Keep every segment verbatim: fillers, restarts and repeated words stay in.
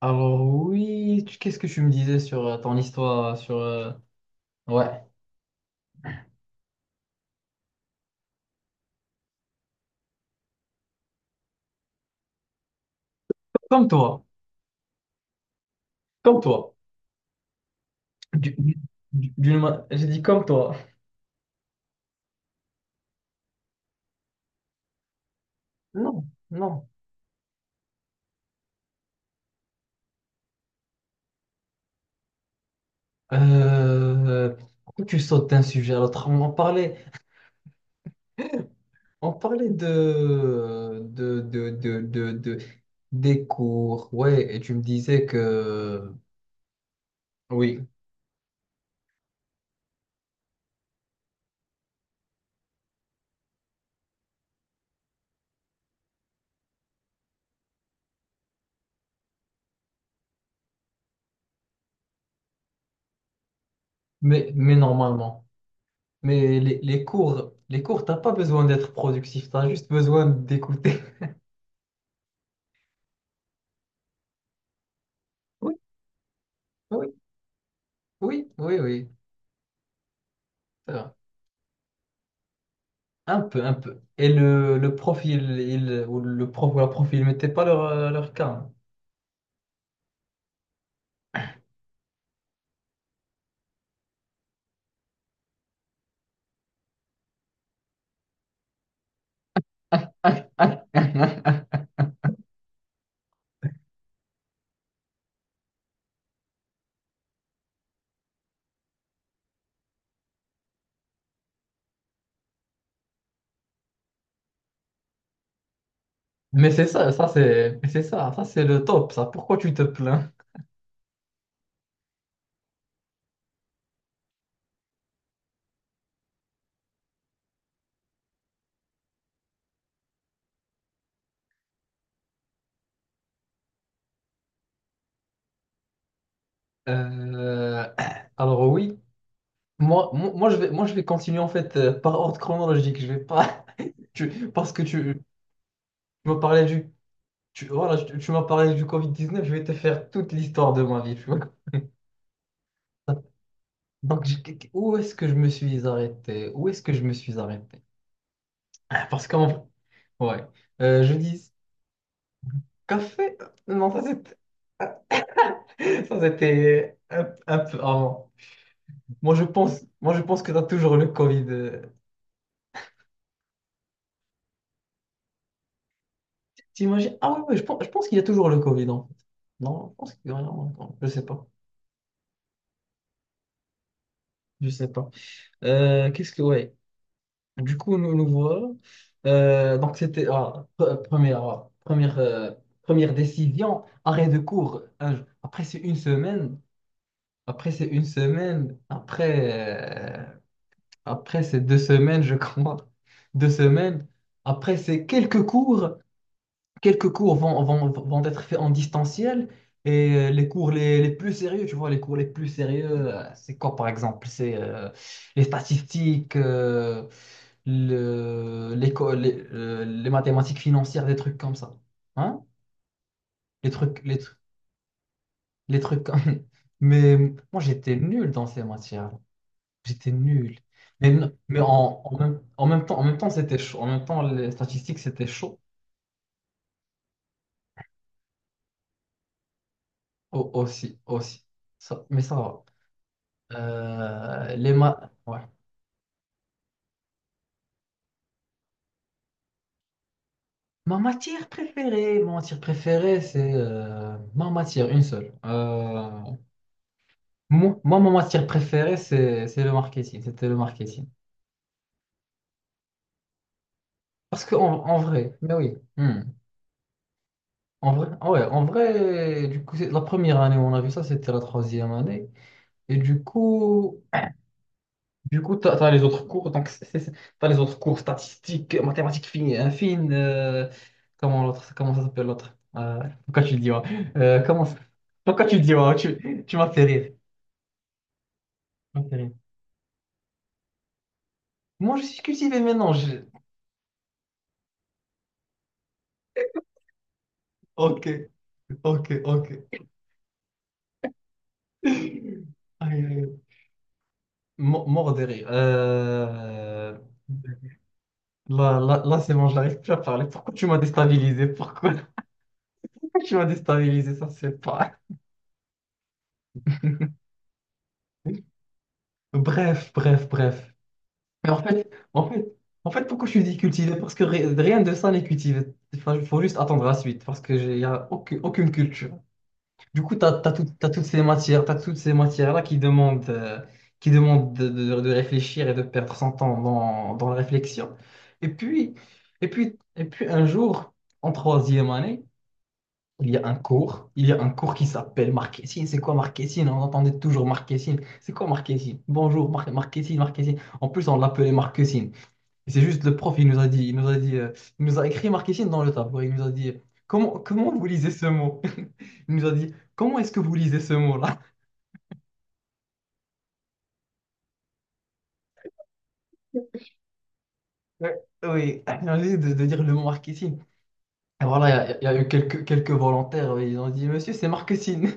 Alors oui, tu- qu'est-ce que tu me disais sur euh, ton histoire, euh, sur euh, ouais, comme toi, comme toi. Du- du- du- d'une ma- j'ai dit comme toi. Non, non. Euh, Pourquoi tu sautes d'un sujet à l'autre? On en parlait, on parlait de, de, de, de, de, de- des cours, ouais, et tu me disais que oui, mais, mais normalement, mais les, les cours, les cours, t'as pas besoin d'être productif, t'as juste besoin d'écouter. Oui, oui, oui, oui. Oui. Euh, Un peu, un peu. Et le, le profil, il, ou le prof ou la prof, ils mettaient pas leur, euh, leur cas. Hein. Mais c'est ça, ça c'est, mais c'est ça, ça c'est le top, ça. Pourquoi tu te plains? Euh, alors oui, moi, moi, moi, je vais, moi je vais continuer en fait euh, par ordre chronologique. Je vais pas, tu- parce que tu, tu m'as parlé du, tu, voilà, tu, tu m'as parlé du covid dix-neuf. Je vais te faire toute l'histoire de ma vie. Tu vois. Donc je- Où est-ce que je me suis arrêté? Où est-ce que je me suis arrêté? Parce qu'en ouais, Euh, je dis café. Non, ça c'était ça, c'était un, un peu avant. Moi je pense, moi je pense que t'as toujours le Covid. euh. T'imagines? Ah ouais ouais je pense, je pense qu'il y a toujours le Covid en fait. Non, je pense qu'il y a non, non, je sais pas. Je sais pas. Euh, qu'est-ce que Ouais. Du coup, nous nous voilà. Euh, donc c'était ah, pre- première ah, première euh, première décision, arrêt de cours. Un- jour. Après c'est une semaine. Après c'est une semaine. Après euh, Après ces deux semaines, je crois, deux semaines, après ces quelques cours, quelques cours vont, vont, vont être faits en distanciel, et euh, les cours les, les plus sérieux, tu vois, les cours les plus sérieux, euh, c'est quoi par exemple? C'est euh, les statistiques, euh, le, l'éco- les, euh, les mathématiques financières, des trucs comme ça. Hein? Les trucs, les, tru- les trucs comme... Mais moi, j'étais nul dans ces matières. J'étais nul. Mais, non- mais en, en même, en même temps, En même temps, c'était chaud. En même temps, les statistiques, c'était chaud. Au- aussi, aussi. Ça- mais ça va. Euh, les ma... ouais. Ma matière préférée, ma matière préférée, c'est euh, ma matière, une seule. Euh, moi, moi, ma matière préférée, c'est c'est le marketing. C'était le marketing. Parce que en, en vrai, mais oui. Hmm. En vrai, ah ouais, en vrai, du coup, c'est- la première année où on a vu ça, c'était la troisième année. Et du coup. Du coup, tu as, les autres cours, donc tu as les autres cours statistiques, mathématiques fines, hein, fines, euh, comment l'autre, comment ça s'appelle l'autre? Euh, pourquoi tu le dis, ouais. Euh, comment ça- Pourquoi tu le dis, ouais, tu, tu m'as fait rire. Tu m'as fait rire. Moi, je suis cultivé maintenant. je- Ok, ok, ok. Aïe, aïe, aïe. Mo- Mort de rire. Euh, Là, là, là c'est bon, j'arrive plus à parler. Pourquoi tu m'as déstabilisé? Pourquoi, pourquoi tu m'as déstabilisé? Ça, c'est pas. Bref, bref, bref. Mais en fait, en fait, En fait, pourquoi je suis dit cultivé? Parce que ri- rien de ça n'est cultivé. Enfin, il faut juste attendre la suite, parce que j'ai y a aucune, aucune culture. Du coup, tu as, toutes ces matières, t'as toutes ces matières-là qui demandent, euh, qui demandent de, de- de réfléchir et de perdre son temps dans, dans la réflexion. Et puis, et puis, et puis, un jour, en troisième année, il y a un cours, il y a un cours qui s'appelle marketing. C'est quoi marketing? On entendait toujours marketing. C'est quoi marketing? Bonjour, mar- marketing, marketing. En plus, on l'appelait marketing. Et c'est juste le prof, il nous a dit, il nous a dit, euh, il nous a écrit marketing dans le tableau. Il nous a dit, comment, comment vous lisez ce mot? Il nous a dit, comment est-ce que vous lisez ce mot-là? Ouais. Oui, il a dit de, de dire le mot marketing. Et voilà, il y, a il y a eu quelques, quelques volontaires, oui, ils ont dit, monsieur, c'est marketing.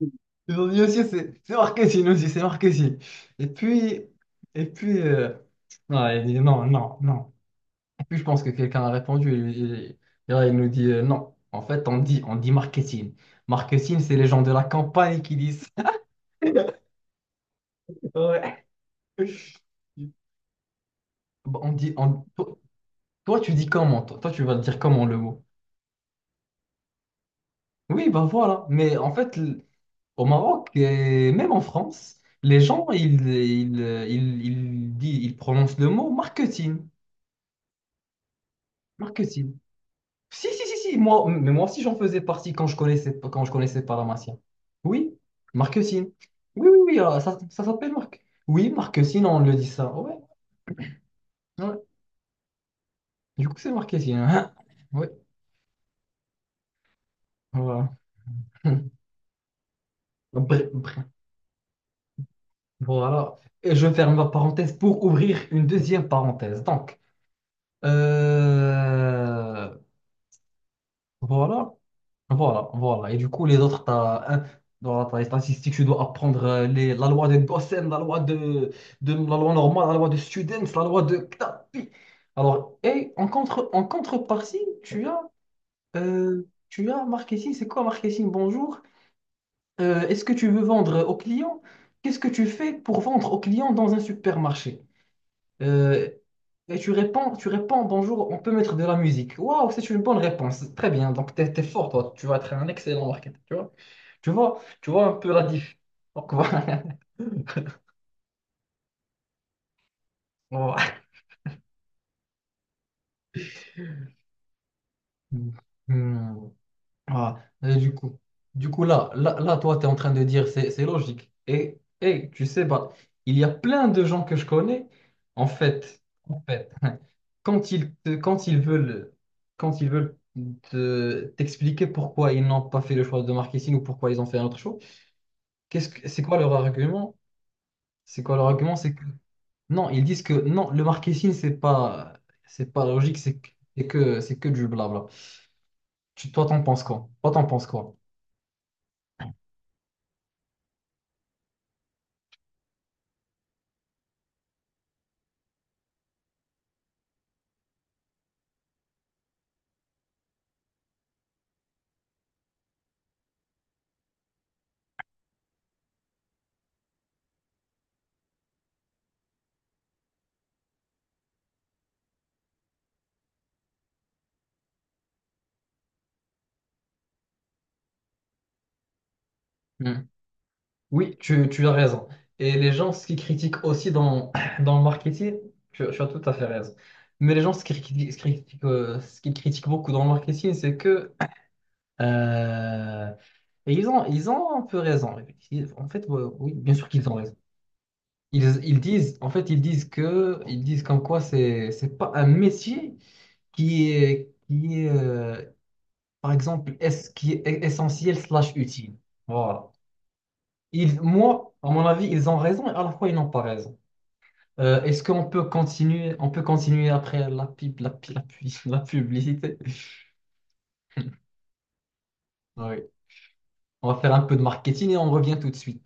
Ils ont dit, monsieur, c'est c'est marketing aussi, c'est marketing. Et puis, et puis, euh, non, il dit, non, non, non. Puis je pense que quelqu'un a répondu et, et- et là il nous dit euh, non. En fait, on dit, on dit marketing. Marketing, c'est les gens de la campagne qui disent. Ouais. Bah, On dit, on- to- Toi, tu dis comment? Toi, toi, tu vas le dire comment le mot? Oui, bah voilà. Mais en fait, l- au Maroc et même en France, les gens, ils, ils, euh, ils, ils disent- ils prononcent le mot marketing. Marketing. Si, si, si, si, moi, mais moi aussi j'en faisais partie quand je connaissais, quand je connaissais pas Marc. Oui, Marquesine. Oui, oui, oui, alors, ça, ça s'appelle Marc. Oui, Marquesine, on le dit ça. Ouais, ouais. Du coup, c'est Marquesine. Hein. Ouais, voilà. Bref, bref, voilà. Et je ferme ma parenthèse pour ouvrir une deuxième parenthèse. Donc, euh, voilà. Voilà, voilà. Et du coup, les autres, t'as as, dans les statistique, tu dois apprendre euh, les, la loi de Gossen, la loi de, de la loi normale, la loi de Students, la loi de Knapi. Alors, et en contre, en contrepartie, tu as, euh, tu as marketing. C'est quoi marketing? Bonjour. Euh, est-ce que tu veux vendre aux clients? Qu'est-ce que tu fais pour vendre aux clients dans un supermarché? Euh, et tu réponds, tu réponds, bonjour, on peut mettre de la musique. Waouh, c'est une bonne réponse. Très bien, donc t'es, t'es fort, toi. Tu vas être un excellent marketeur, tu vois. Tu vois, tu vois un peu la diff. Donc voilà. Voilà. Hmm. Ah, et du coup, du coup là, là, là, toi, tu es en train de dire c'est c'est logique. Et, et tu sais, bah, il y a plein de gens que je connais, en fait, en fait, quand ils, te- quand ils veulent, quand ils veulent te- t'expliquer pourquoi ils n'ont pas fait le choix de marketing ou pourquoi ils ont fait un autre choix, qu'est-ce que, c'est quoi leur argument? C'est quoi leur argument? C'est que Non, ils disent que non, le marketing, c'est pas, c'est pas logique, c'est que, c'est que, c'est que du blabla. Tu, toi, t'en penses quoi? Toi, t'en penses quoi? Hmm. Oui, tu, tu as raison. Et les gens, ce qu'ils critiquent aussi dans, dans le marketing, tu, tu as tout à fait raison. Mais les gens, ce qu'ils critiquent, ce qu'ils critiquent, euh, ce qu'ils critiquent beaucoup dans le marketing, c'est que... euh, et ils ont, ils ont un peu raison. Ils- En fait, ouais, oui, bien sûr qu'ils ont raison. Ils, ils disent, en fait, ils disent que, ils disent comme quoi c'est, c'est pas un métier qui est, qui est, euh, par exemple, est qui est essentiel slash utile. Voilà. Ils, moi, à mon avis, ils ont raison et à la fois, ils n'ont pas raison. Euh, est-ce qu'on peut continuer, On peut continuer après la pub, la, pi- la, pu- la publicité? Oui. On va faire un peu de marketing et on revient tout de suite.